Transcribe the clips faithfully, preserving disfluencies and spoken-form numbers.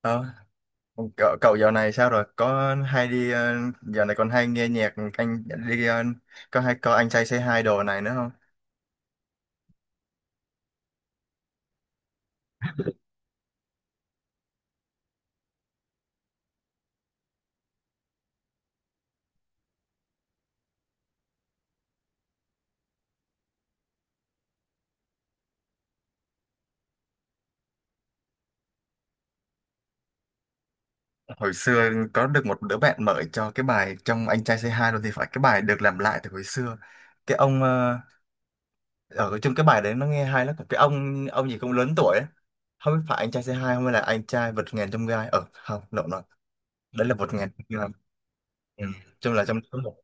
Ờ, cậu, cậu dạo này sao rồi? Có hay đi ờ, dạo này còn hay nghe nhạc anh đi ờ, có hay có anh trai Say Hi đồ này nữa không? Hồi xưa có được một đứa bạn mở cho cái bài trong anh trai Say Hi rồi thì phải cái bài được làm lại từ hồi xưa. Cái ông ờ, ở trong cái bài đấy nó nghe hay lắm. Cái ông ông gì cũng lớn tuổi ấy. Không biết phải anh trai Say Hi không hay là anh trai vượt ngàn chông gai. Ờ không, lộn rồi. Đấy là vượt ngàn chông gai. Ừ. Chung là trong số một.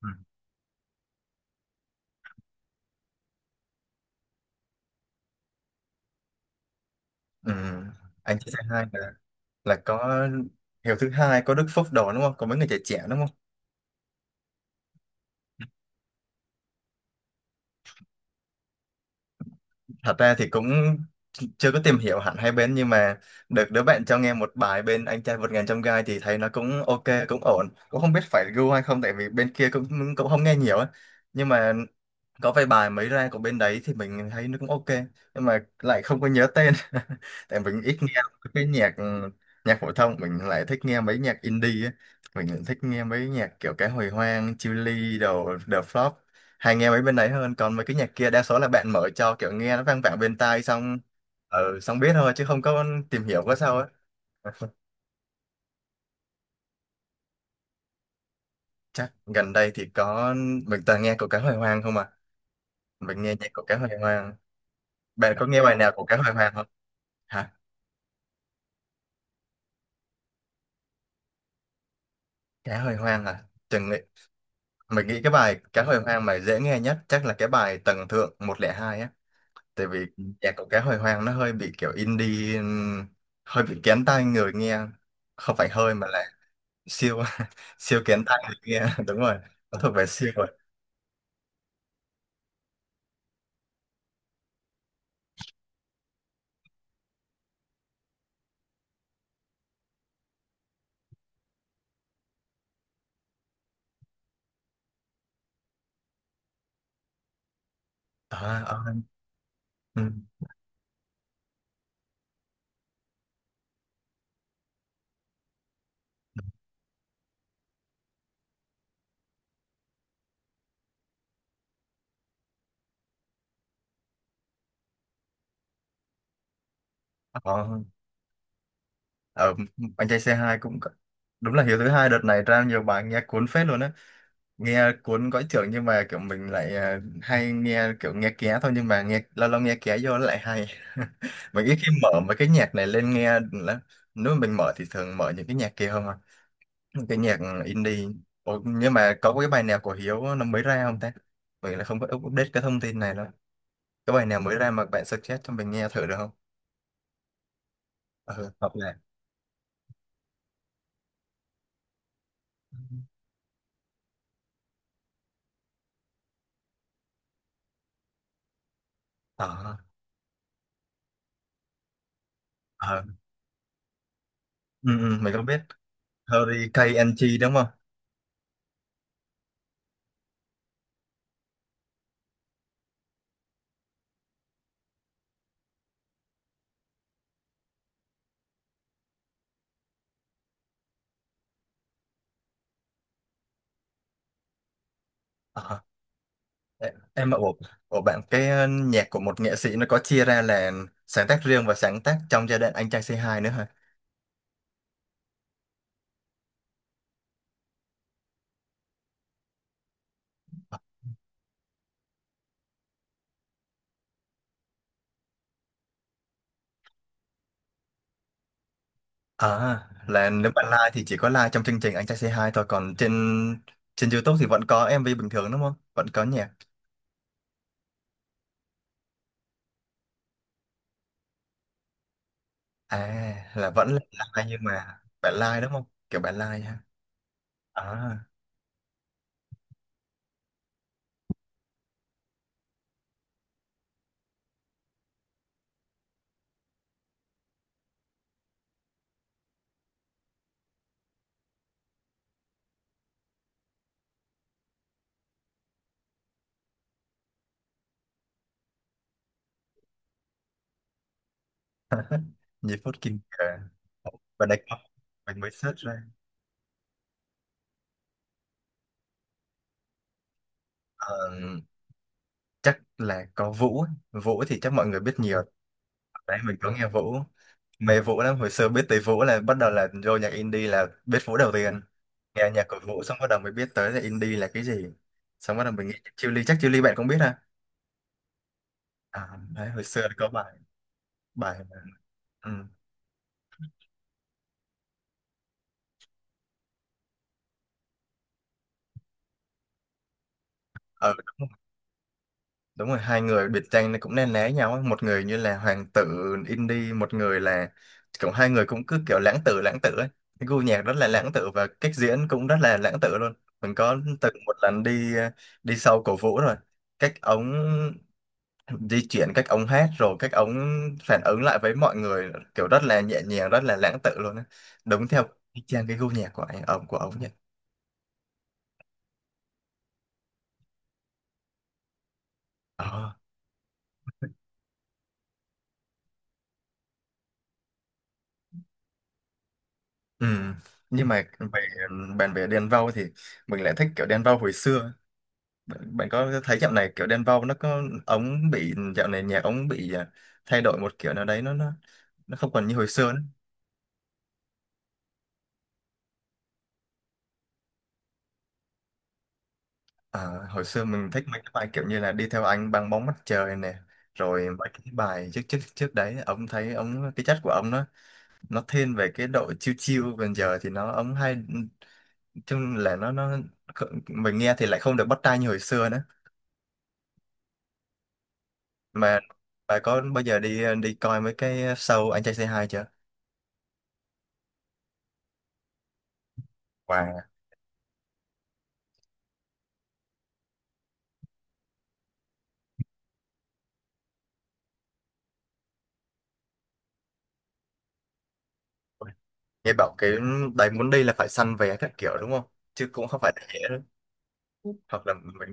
Ừ. Ừ. ừ. Anh trai Say Hi là có Hiếu thứ hai có Đức Phúc đồ đúng không? Có mấy người trẻ trẻ đúng không? Thật ra thì cũng chưa có tìm hiểu hẳn hai bên, nhưng mà được đứa bạn cho nghe một bài bên anh trai vượt ngàn chông gai thì thấy nó cũng ok, cũng ổn, cũng không biết phải gu hay không, tại vì bên kia cũng cũng không nghe nhiều á. Nhưng mà có vài bài mới ra của bên đấy thì mình thấy nó cũng ok, nhưng mà lại không có nhớ tên tại mình ít nghe cái nhạc, nhạc phổ thông. Mình lại thích nghe mấy nhạc indie ấy. Mình lại thích nghe mấy nhạc kiểu cái hồi hoang, Chillies đồ, The Flop, hay nghe mấy bên đấy hơn. Còn mấy cái nhạc kia đa số là bạn mở cho, kiểu nghe nó vang vẳng bên tai xong ờ, xong biết thôi, chứ không có tìm hiểu có sao ấy. Chắc gần đây thì có, mình toàn nghe của cái hồi hoang không à. Mình nghe nhạc của cái hồi hoang. Bạn có nghe bài nào của cái hồi hoang không? Cá hồi hoang à? Chừng nghĩ, mình nghĩ cái bài cá hồi hoang mà dễ nghe nhất chắc là cái bài Tầng Thượng một không hai á. Tại vì ừ, nhạc của cá hồi hoang nó hơi bị kiểu indie, ừm, hơi bị kén tai người nghe. Không phải hơi mà là siêu siêu kén tai người nghe. Đúng rồi, nó thuộc về siêu rồi. À, à, ừ, ờ, ờ, anh trai c hai cũng có- đúng là hiếu thứ hai đợt này ra nhiều bài nghe cuốn phết luôn á. Nghe cuốn cõi trưởng nhưng mà kiểu mình lại ờ, hay nghe kiểu nghe ké thôi, nhưng mà nghe lâu lâu nghe ké vô nó lại hay. Mình ít khi mở mấy cái nhạc này lên nghe lắm, nếu mà mình mở thì thường mở những cái nhạc kia không à, những cái nhạc indie. Ủa, nhưng mà có cái bài nào của Hiếu nó mới ra không ta? Mình là không có update cái thông tin này đâu. Cái bài nào mới ra mà bạn suggest cho mình nghe thử được không? Ừ, hợp lệ. ờ ờ ừ, ừ, mình không biết. Hurricane en giê đúng không? Ờ. Ê, em ạ, ủa, ủa bạn cái ờ, nhạc của một nghệ sĩ nó có chia ra là sáng tác riêng và sáng tác trong giai đoạn Anh Trai c hai nữa hả? À, là nếu bạn live thì chỉ có live trong chương trình Anh Trai c hai thôi, còn trên trên YouTube thì vẫn có em MV bình thường đúng không? Vẫn có nhạc. À, là vẫn là live, nhưng mà bạn live đúng không? Kiểu bạn live ha. À, như Phút Kim Cờ. Và đây có, mình mới search ra. Ờ, chắc là có Vũ ấy. Vũ thì chắc mọi người biết nhiều đấy. Mình có nghe Vũ, mê Vũ lắm. Hồi xưa biết tới Vũ là bắt đầu là vô nhạc indie, là biết Vũ đầu tiên. Nghe nhạc của Vũ xong bắt đầu mới biết tới là indie là cái gì. Xong bắt đầu mình nghĩ Chiêu Ly, chắc Chiêu Ly bạn cũng biết ha. À, đấy hồi xưa có bài, bài mà- ừ. ờ, đúng rồi, hai người biệt danh nó cũng nên né nhau ấy. Một người như là hoàng tử indie, một người là kiểu hai người cũng cứ kiểu lãng tử lãng tử ấy. Cái gu nhạc rất là lãng tử và cách diễn cũng rất là lãng tử luôn. Mình có từng một lần đi ờ, đi sau cổ Vũ rồi. Cách ống di chuyển, cách ông hát, rồi cách ông phản ứng lại với mọi người kiểu rất là nhẹ nhàng, rất là lãng tự luôn á. Đúng theo y chang cái gu nhạc của anh ông của ông nhỉ. ờ ừ. Nhưng mà về bàn về Đen Vâu thì mình lại thích kiểu Đen Vâu hồi xưa. Bạn, bạn có thấy dạo này kiểu Đen Vâu nó có ống bị, dạo này nhạc ống bị à, thay đổi một kiểu nào đấy, nó nó nó không còn như hồi xưa nữa. Ờ, hồi xưa mình thích mấy cái bài kiểu như là đi theo anh băng bóng mặt trời nè, rồi mấy cái bài trước trước trước đấy ông thấy ông cái chất của ông nó nó thiên về cái độ chill chill, còn giờ thì nó ấm hay chung là nó nó mình nghe thì lại không được bắt tai như hồi xưa nữa. Mà bà có bao giờ đi đi coi mấy cái show Anh Trai Say Hi chưa? Wow. Nghe bảo cái đấy muốn đi là phải săn vé các kiểu đúng không, chứ cũng không phải dễ đâu. Hoặc là mình.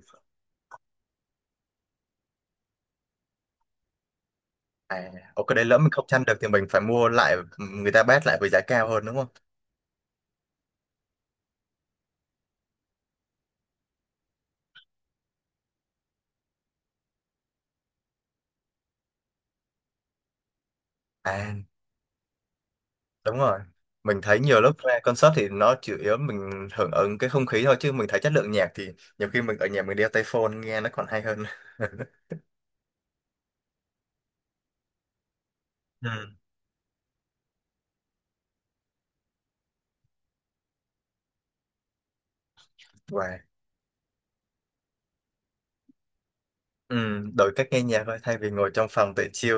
À ok, đấy lỡ mình không săn được thì mình phải mua lại người ta bét lại với giá cao hơn đúng không? À đúng rồi, mình thấy nhiều lúc ra concert thì nó chủ yếu mình hưởng ứng cái không khí thôi, chứ mình thấy chất lượng nhạc thì nhiều khi mình ở nhà mình đeo tai phone nghe nó còn hay hơn. Ừ. Và ừ, đổi cách nghe nhạc thôi, thay vì ngồi trong phòng tự chill,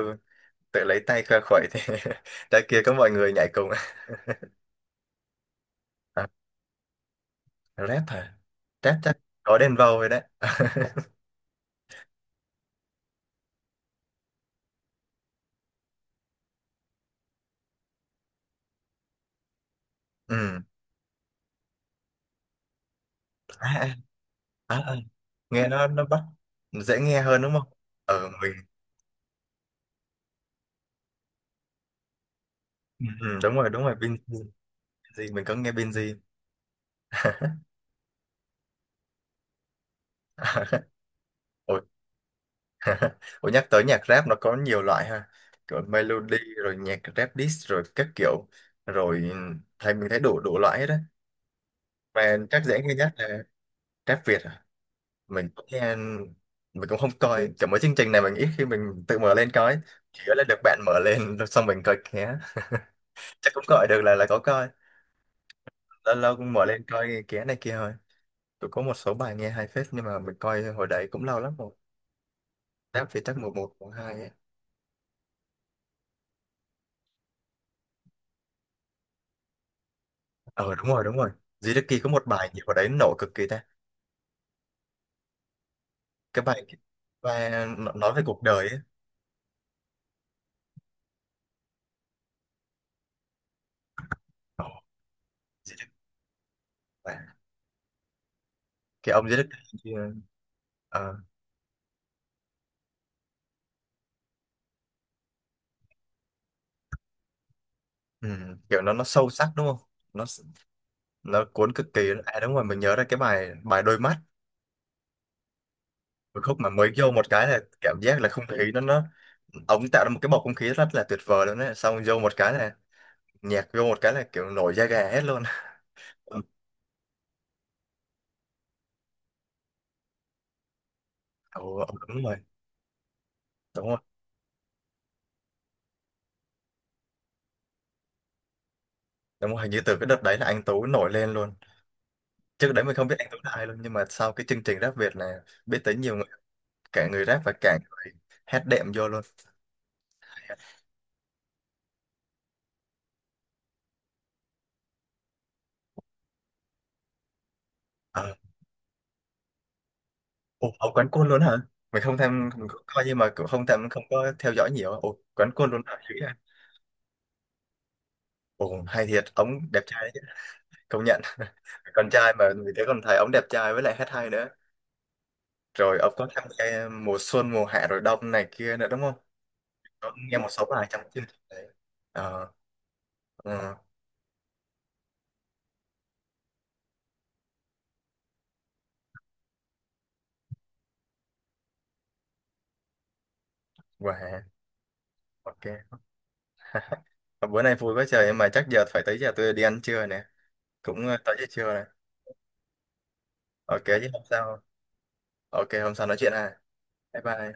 tự lấy tay khoe khuẩy thì ra kia có mọi người nhảy cùng. À, rap hả? Rap chắc có Đen Vâu rồi đấy. Ừ. à, à, à, à. Nghe nó nó bắt, dễ nghe hơn đúng không? Ừ, mình. ừ, Đúng rồi, đúng rồi. Binz gì mình có nghe Binz gì. Ủa ủa nhắc tới nhạc rap nó có nhiều loại ha. Kiểu melody rồi nhạc rap diss rồi các kiểu. Rồi thấy mình thấy đủ đủ loại hết á. Mà chắc dễ nghe nhất là rap Việt à. Mình cũng nghe. Mình cũng không coi. Kiểu mấy chương trình này mình ít khi mình tự mở lên coi. Chỉ là được bạn mở lên xong mình coi ké. Chắc cũng gọi được là là có coi. Lâu lâu cũng mở lên coi ké này kia thôi. Cũng có một số bài nghe hay phết. Nhưng mà mình coi hồi đấy cũng lâu lắm rồi. Rap Việt chắc mùa một mùa hai ấy. Ờ đúng rồi, đúng rồi. Duy Đức Kỳ có một bài gì hồi đấy nổ cực kỳ ta. Cái bài và nó- nói về cuộc đời ấy. Di Đức Bà. Cái ông Di Đức Bà kia, ờ, ừ, kiểu nó nó sâu sắc đúng không, nó nó cuốn cực kỳ. À đúng rồi, mình nhớ ra cái bài, bài đôi mắt. Một khúc mà mới vô một cái là cảm giác là không khí nó nó ông tạo ra một cái bầu không khí rất là tuyệt vời luôn đấy, xong vô một cái là nhạc vô một cái là kiểu nổi da gà hết luôn. ừ, ừ, đúng rồi, đúng rồi, đúng rồi, hình như từ cái đợt đấy là anh Tú nổi lên luôn. Trước đấy mình không biết anh Tú là ai luôn, nhưng mà sau cái chương trình Rap Việt này biết tới nhiều, cả người rap và cả người hát đệm vô luôn. Ờ, ồ ông quán quân luôn hả? Mình không tham, mình cũng coi nhưng mà cũng không tham, không có theo dõi nhiều. Ồ quán quân luôn hả, dữ vậy. Ồ hay thiệt, ông đẹp trai đấy chứ. Công nhận. Con trai mà mình thấy còn thấy ông đẹp trai với lại hát hay nữa. Rồi ông có tham gia mùa xuân mùa hạ rồi đông này kia nữa đúng không? Có nghe một số bài trong chương trình đấy. ờ ờ, wow. Ok. Ờ, bữa nay vui quá trời, nhưng mà chắc giờ phải tới giờ tôi đi ăn trưa nè. Cũng ờ, tới giờ trưa này. Ok chứ không sao. Ok, hôm sau nói chuyện ha. Bye bye.